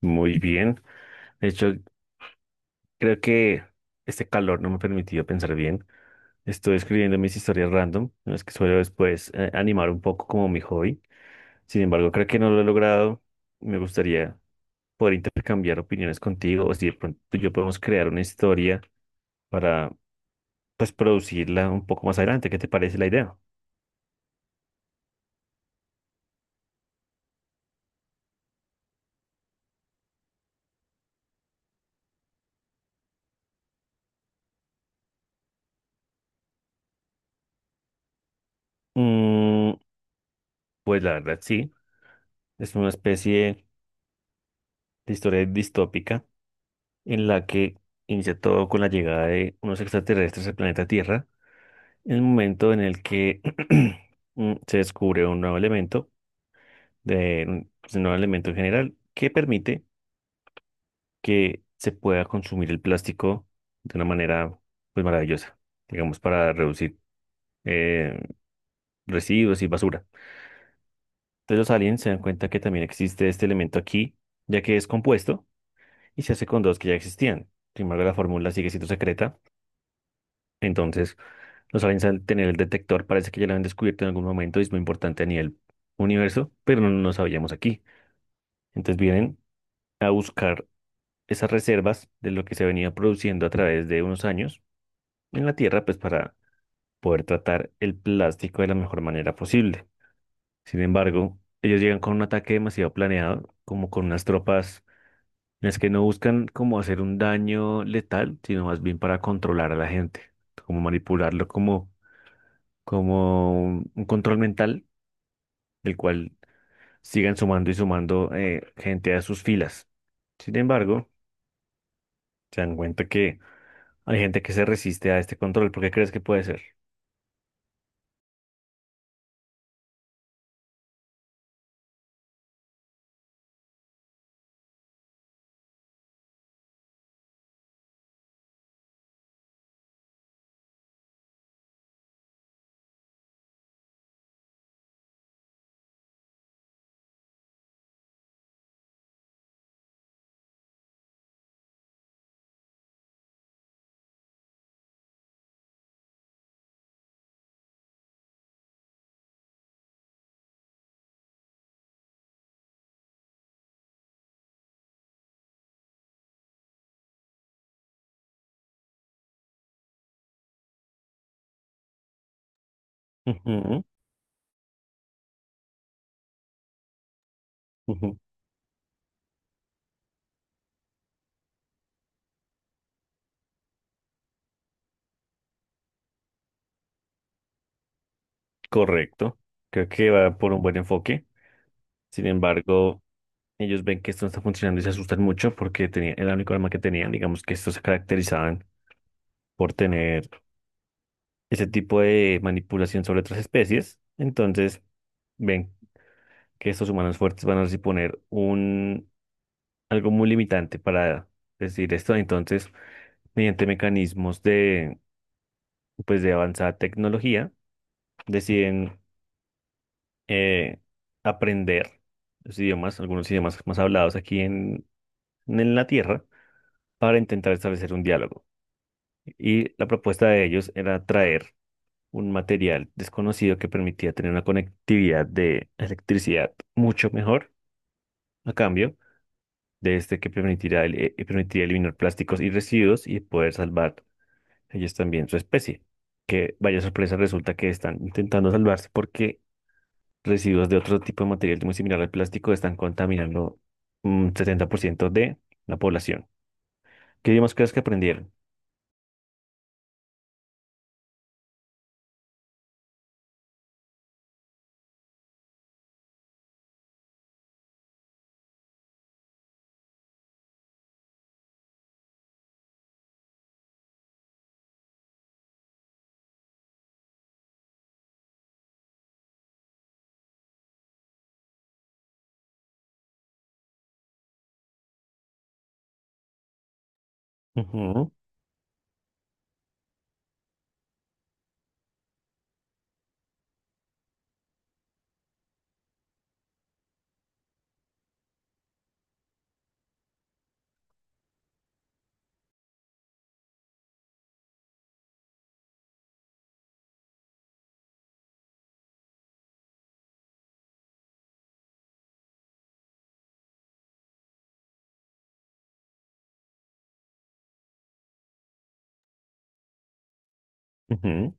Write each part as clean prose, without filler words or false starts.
Muy bien. De hecho, creo que este calor no me ha permitido pensar bien. Estoy escribiendo mis historias random, en las que suelo después animar un poco como mi hobby. Sin embargo, creo que no lo he logrado. Me gustaría poder intercambiar opiniones contigo o si de pronto tú y yo podemos crear una historia para pues producirla un poco más adelante. ¿Qué te parece la idea? Mm, pues la verdad sí, es una especie de historia distópica en la que inicia todo con la llegada de unos extraterrestres al planeta Tierra el momento en el que se descubre un nuevo elemento, un pues, un nuevo elemento en general, que permite que se pueda consumir el plástico de una manera pues, maravillosa, digamos, para reducir eh, residuos y basura. Entonces los aliens se dan cuenta que también existe este elemento aquí, ya que es compuesto y se hace con dos que ya existían. Sin embargo, la fórmula sigue siendo secreta, entonces los aliens al tener el detector parece que ya lo habían descubierto en algún momento y es muy importante a nivel universo, pero no lo sabíamos aquí. Entonces vienen a buscar esas reservas de lo que se venía produciendo a través de unos años en la Tierra, pues para poder tratar el plástico de la mejor manera posible. Sin embargo, ellos llegan con un ataque demasiado planeado, como con unas tropas en las que no buscan como hacer un daño letal, sino más bien para controlar a la gente, como manipularlo como, como un control mental el cual sigan sumando y sumando gente a sus filas. Sin embargo, se dan cuenta que hay gente que se resiste a este control. ¿Por qué crees que puede ser? Ujú, ujú. Correcto. Creo que va por un buen enfoque. Sin embargo, ellos ven que esto no está funcionando y se asustan mucho porque tenía, era el único arma que tenían. Digamos que estos se caracterizaban por tener ese tipo de manipulación sobre otras especies. Entonces, ven que estos humanos fuertes van a suponer un, algo muy limitante para decir esto. Entonces, mediante mecanismos de, pues, de avanzada tecnología, deciden eh, aprender los idiomas, algunos idiomas más hablados aquí en la Tierra, para intentar establecer un diálogo. Y la propuesta de ellos era traer un material desconocido que permitía tener una conectividad de electricidad mucho mejor a cambio de este que permitirá, permitirá eliminar plásticos y residuos y poder salvar ellos también su especie. Que vaya sorpresa, resulta que están intentando salvarse porque residuos de otro tipo de material muy similar al plástico están contaminando un 70% de la población. ¿Qué idiomas crees que aprendieron? Ujú, ujú,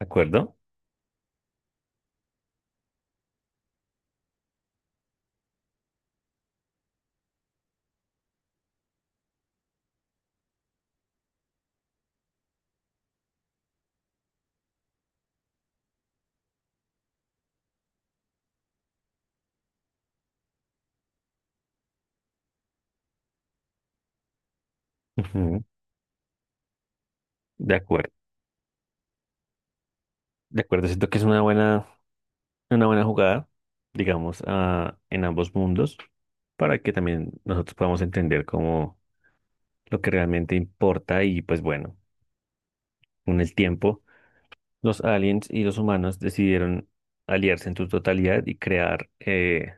¿de acuerdo? Ujú, de acuerdo. De acuerdo, siento que es una buena jugada, digamos, ah, en ambos mundos, para que también nosotros podamos entender cómo lo que realmente importa y pues bueno, con el tiempo, los aliens y los humanos decidieron aliarse en su totalidad y crear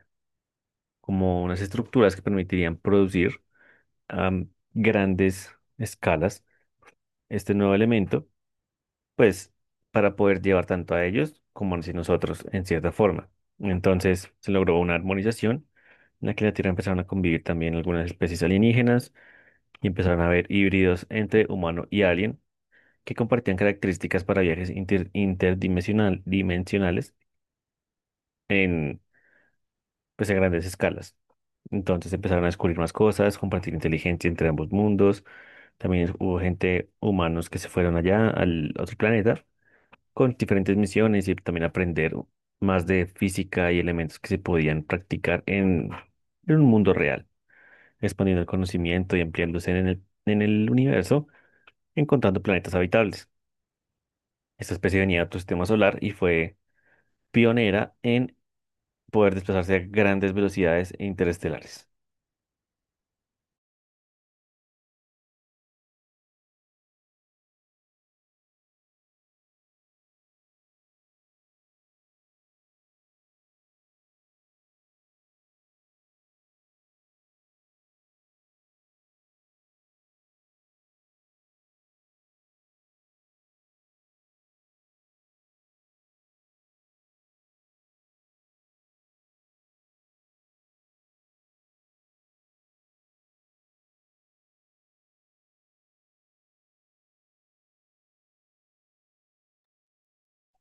como unas estructuras que permitirían producir a grandes escalas este nuevo elemento, pues para poder llevar tanto a ellos como a nosotros en cierta forma. Entonces se logró una armonización en la que en la Tierra empezaron a convivir también algunas especies alienígenas y empezaron a haber híbridos entre humano y alien que compartían características para viajes interdimensional, dimensionales en, pues, a grandes escalas. Entonces empezaron a descubrir más cosas, compartir inteligencia entre ambos mundos. También hubo gente, humanos que se fueron allá al otro planeta con diferentes misiones y también aprender más de física y elementos que se podían practicar en un mundo real, expandiendo el conocimiento y ampliándose en el universo, encontrando planetas habitables. Esta especie venía de otro sistema solar y fue pionera en poder desplazarse a grandes velocidades e interestelares.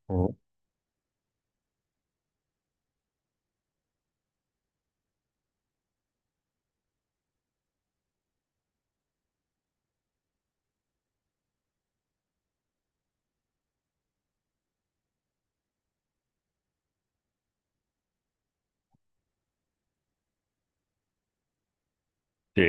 Oh, Sí,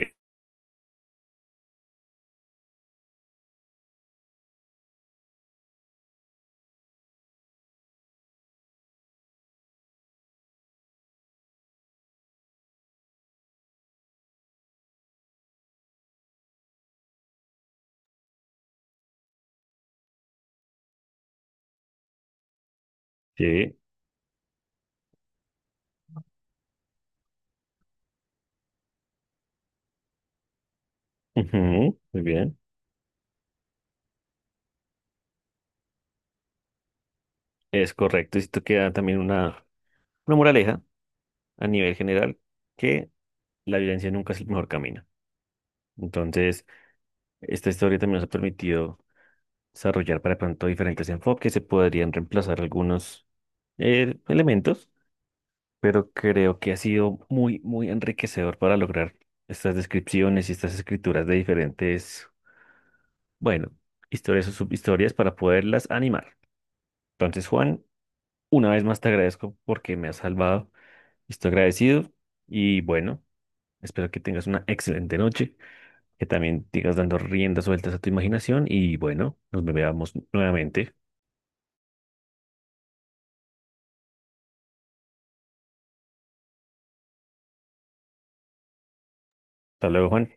sí Ujú, muy bien. Es correcto. Y esto queda también una moraleja a nivel general, que la violencia nunca es el mejor camino. Entonces, esta historia también nos ha permitido desarrollar para pronto diferentes enfoques, se podrían reemplazar algunos elementos, pero creo que ha sido muy, muy enriquecedor para lograr estas descripciones y estas escrituras de diferentes bueno, historias o subhistorias para poderlas animar. Entonces, Juan, una vez más te agradezco porque me has salvado. Estoy agradecido y bueno, espero que tengas una excelente noche, que también sigas dando riendas sueltas a tu imaginación y bueno, nos veamos nuevamente. Hasta luego, Juan.